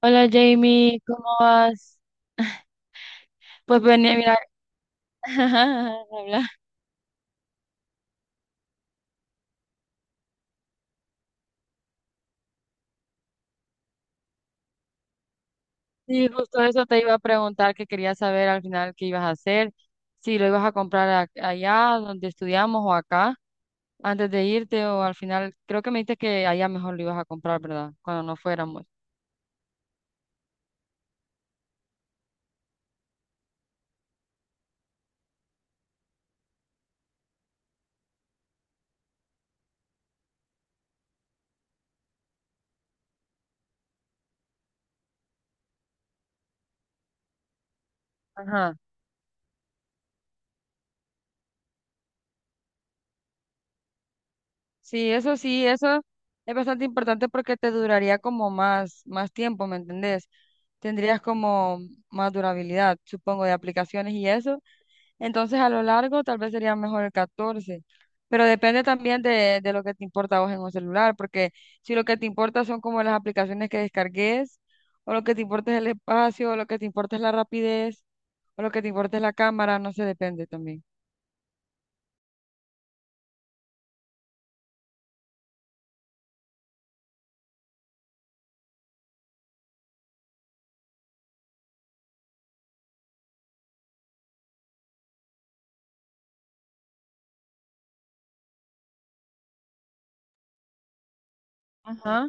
Hola Jamie, ¿cómo vas? Pues venía a mirar, habla. Sí, justo eso te iba a preguntar, que quería saber al final qué ibas a hacer, si lo ibas a comprar allá donde estudiamos o acá, antes de irte o al final, creo que me dijiste que allá mejor lo ibas a comprar, ¿verdad? Cuando no fuéramos. Ajá. Sí, eso es bastante importante porque te duraría como más, más tiempo, ¿me entendés? Tendrías como más durabilidad, supongo, de aplicaciones y eso. Entonces a lo largo tal vez sería mejor el catorce, pero depende también de lo que te importa a vos en un celular, porque si lo que te importa son como las aplicaciones que descargues, o lo que te importa es el espacio, o lo que te importa es la rapidez, o lo que te importa es la cámara, no sé, depende también. Ajá,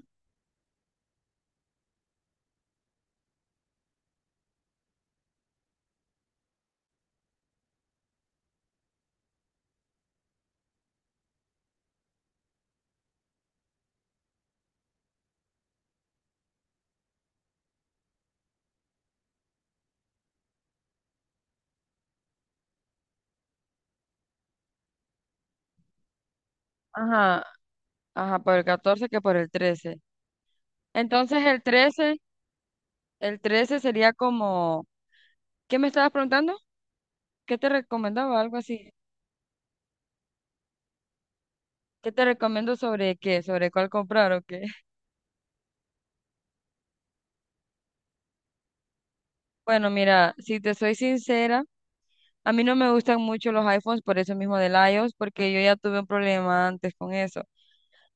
ajá. Ajá, por el 14 que por el trece. Entonces el trece, el 13 sería como, ¿qué me estabas preguntando? ¿Qué te recomendaba? Algo así. ¿Qué te recomiendo sobre qué? ¿Sobre cuál comprar o qué? Bueno, mira, si te soy sincera, a mí no me gustan mucho los iPhones por eso mismo del iOS, porque yo ya tuve un problema antes con eso.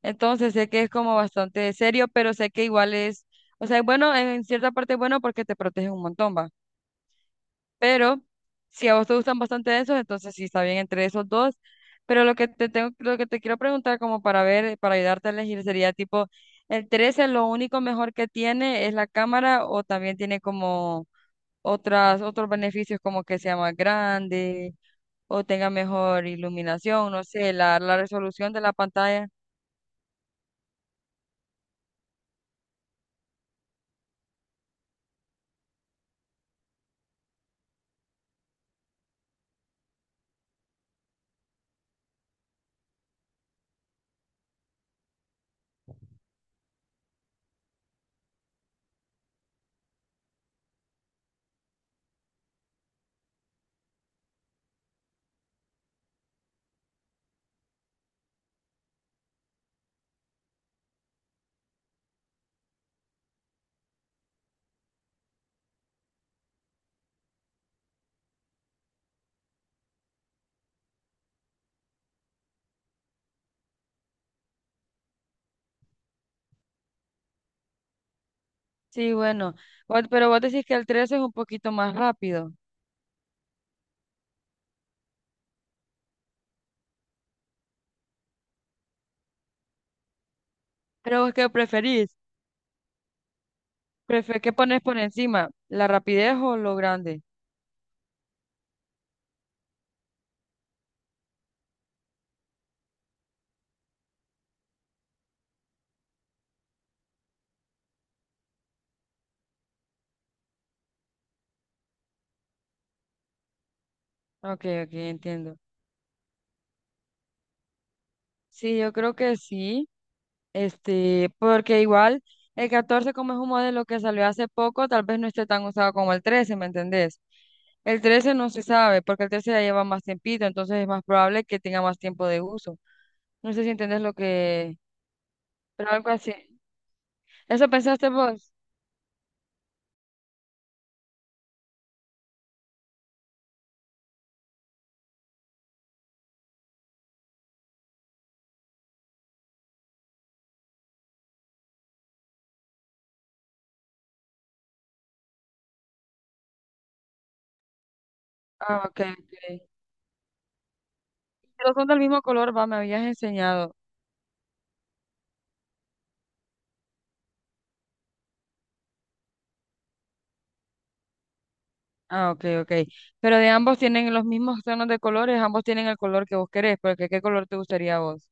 Entonces sé que es como bastante serio, pero sé que igual es, o sea, es bueno, en cierta parte es bueno porque te protege un montón, va. Pero si a vos te gustan bastante esos, entonces sí está bien entre esos dos. Pero lo que te tengo, lo que te quiero preguntar como para ver, para ayudarte a elegir sería tipo, el 13 lo único mejor que tiene es la cámara, o también tiene como otras, otros beneficios, como que sea más grande o tenga mejor iluminación, no sé, la resolución de la pantalla. Sí, bueno, pero vos decís que el 13 es un poquito más rápido. Pero vos qué preferís, ¿qué pones por encima? ¿La rapidez o lo grande? Ok, ok, entiendo. Sí, yo creo que sí. Este, porque igual el catorce, como es un modelo que salió hace poco, tal vez no esté tan usado como el trece, ¿me entendés? El 13 no se sabe, porque el 13 ya lleva más tiempito, entonces es más probable que tenga más tiempo de uso. No sé si entendés lo que... Pero algo así. ¿Eso pensaste vos? Ah, ok, ok. Pero son del mismo color, va, me habías enseñado. Ah, ok, ok. Pero de ambos, tienen los mismos tonos de colores, ambos tienen el color que vos querés, porque ¿qué color te gustaría a vos?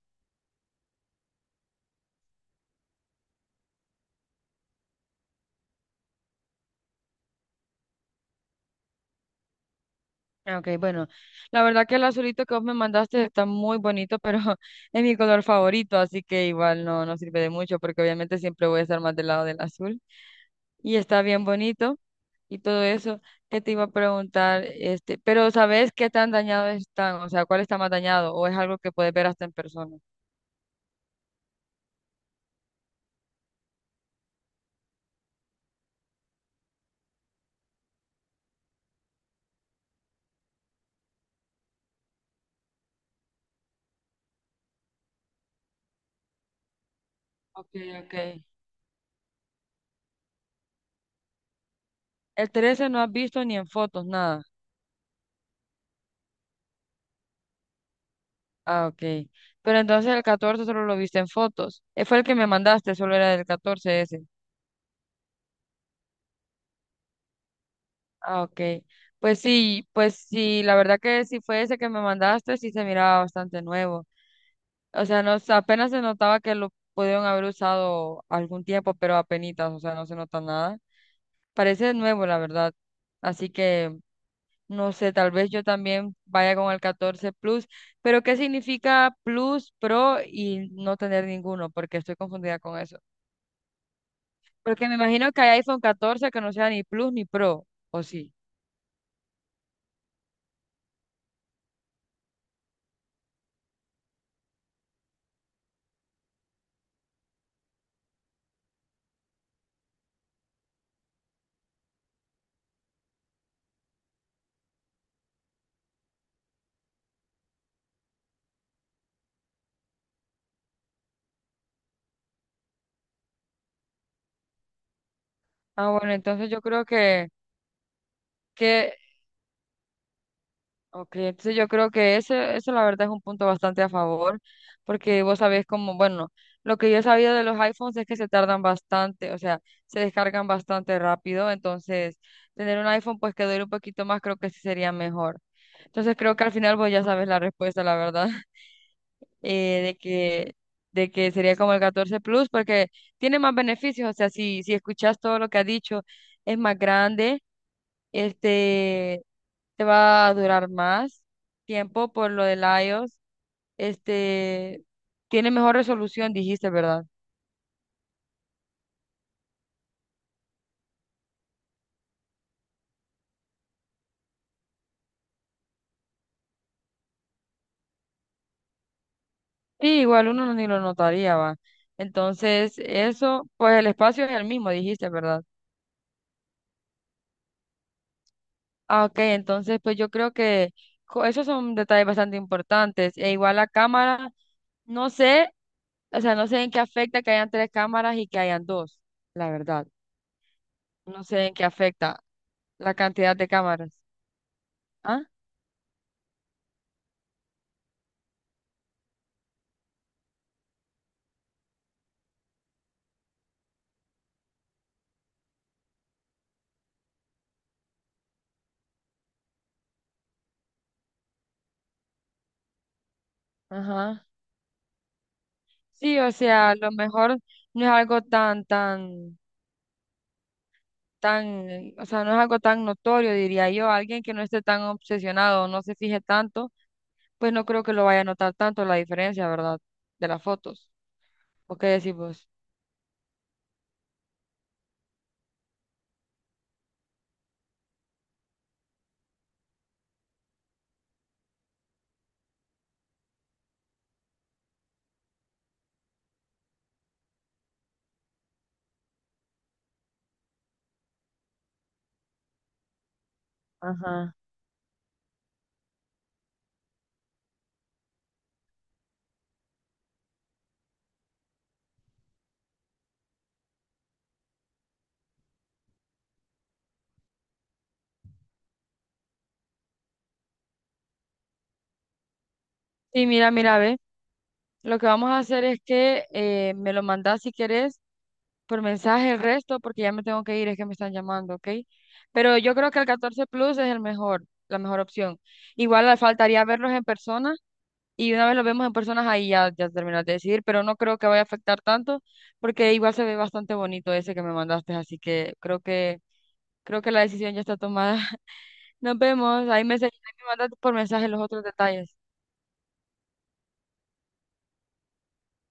Ah, ok, bueno, la verdad que el azulito que vos me mandaste está muy bonito, pero es mi color favorito, así que igual no, no sirve de mucho, porque obviamente siempre voy a estar más del lado del azul. Y está bien bonito y todo eso. ¿Qué te iba a preguntar? Este, pero ¿sabes qué tan dañado están? O sea, ¿cuál está más dañado? ¿O es algo que puedes ver hasta en persona? Ok, ok. El 13 no has visto ni en fotos, nada. Ah, ok. Pero entonces el 14 solo lo viste en fotos. Fue el que me mandaste, solo era del 14 ese. Ah, ok. Pues sí, la verdad que si fue ese que me mandaste, sí se miraba bastante nuevo. O sea, no, apenas se notaba que lo pudieron haber usado algún tiempo, pero apenitas, o sea, no se nota nada. Parece nuevo, la verdad. Así que, no sé, tal vez yo también vaya con el 14 Plus, pero ¿qué significa Plus, Pro y no tener ninguno? Porque estoy confundida con eso. Porque me imagino que hay iPhone 14 que no sea ni Plus ni Pro, ¿o sí? Ah, bueno, entonces yo creo que... Ok, entonces yo creo que ese, eso la verdad es un punto bastante a favor, porque vos sabés como, bueno, lo que yo sabía de los iPhones es que se tardan bastante, o sea, se descargan bastante rápido, entonces tener un iPhone pues que dure un poquito más creo que sí sería mejor. Entonces creo que al final vos ya sabes la respuesta, la verdad, eh, de que, de que sería como el 14 Plus, porque tiene más beneficios, o sea, si, si escuchás todo lo que ha dicho, es más grande, este, te va a durar más tiempo por lo del iOS, este, tiene mejor resolución, dijiste, ¿verdad? Sí, igual uno ni lo notaría, va. Entonces, eso, pues el espacio es el mismo, dijiste, ¿verdad? Ah, ok, entonces, pues yo creo que esos son detalles bastante importantes. E igual la cámara, no sé, o sea, no sé en qué afecta que hayan tres cámaras y que hayan dos, la verdad. No sé en qué afecta la cantidad de cámaras. ¿Ah? Ajá. Sí, o sea, a lo mejor no es algo tan, tan, tan, o sea, no es algo tan notorio, diría yo. Alguien que no esté tan obsesionado, no se fije tanto, pues no creo que lo vaya a notar tanto la diferencia, ¿verdad? De las fotos. ¿O qué decís vos? Ajá. Sí, mira, mira, ve. Lo que vamos a hacer es que me lo mandás si querés por mensaje el resto, porque ya me tengo que ir, es que me están llamando, ¿ok? Pero yo creo que el 14 Plus es el mejor, la mejor opción. Igual le faltaría verlos en persona. Y una vez lo vemos en personas, ahí ya, ya terminas de decidir, pero no creo que vaya a afectar tanto, porque igual se ve bastante bonito ese que me mandaste, así que creo que, creo que la decisión ya está tomada. Nos vemos, ahí me, ahí me mandas por mensaje los otros detalles.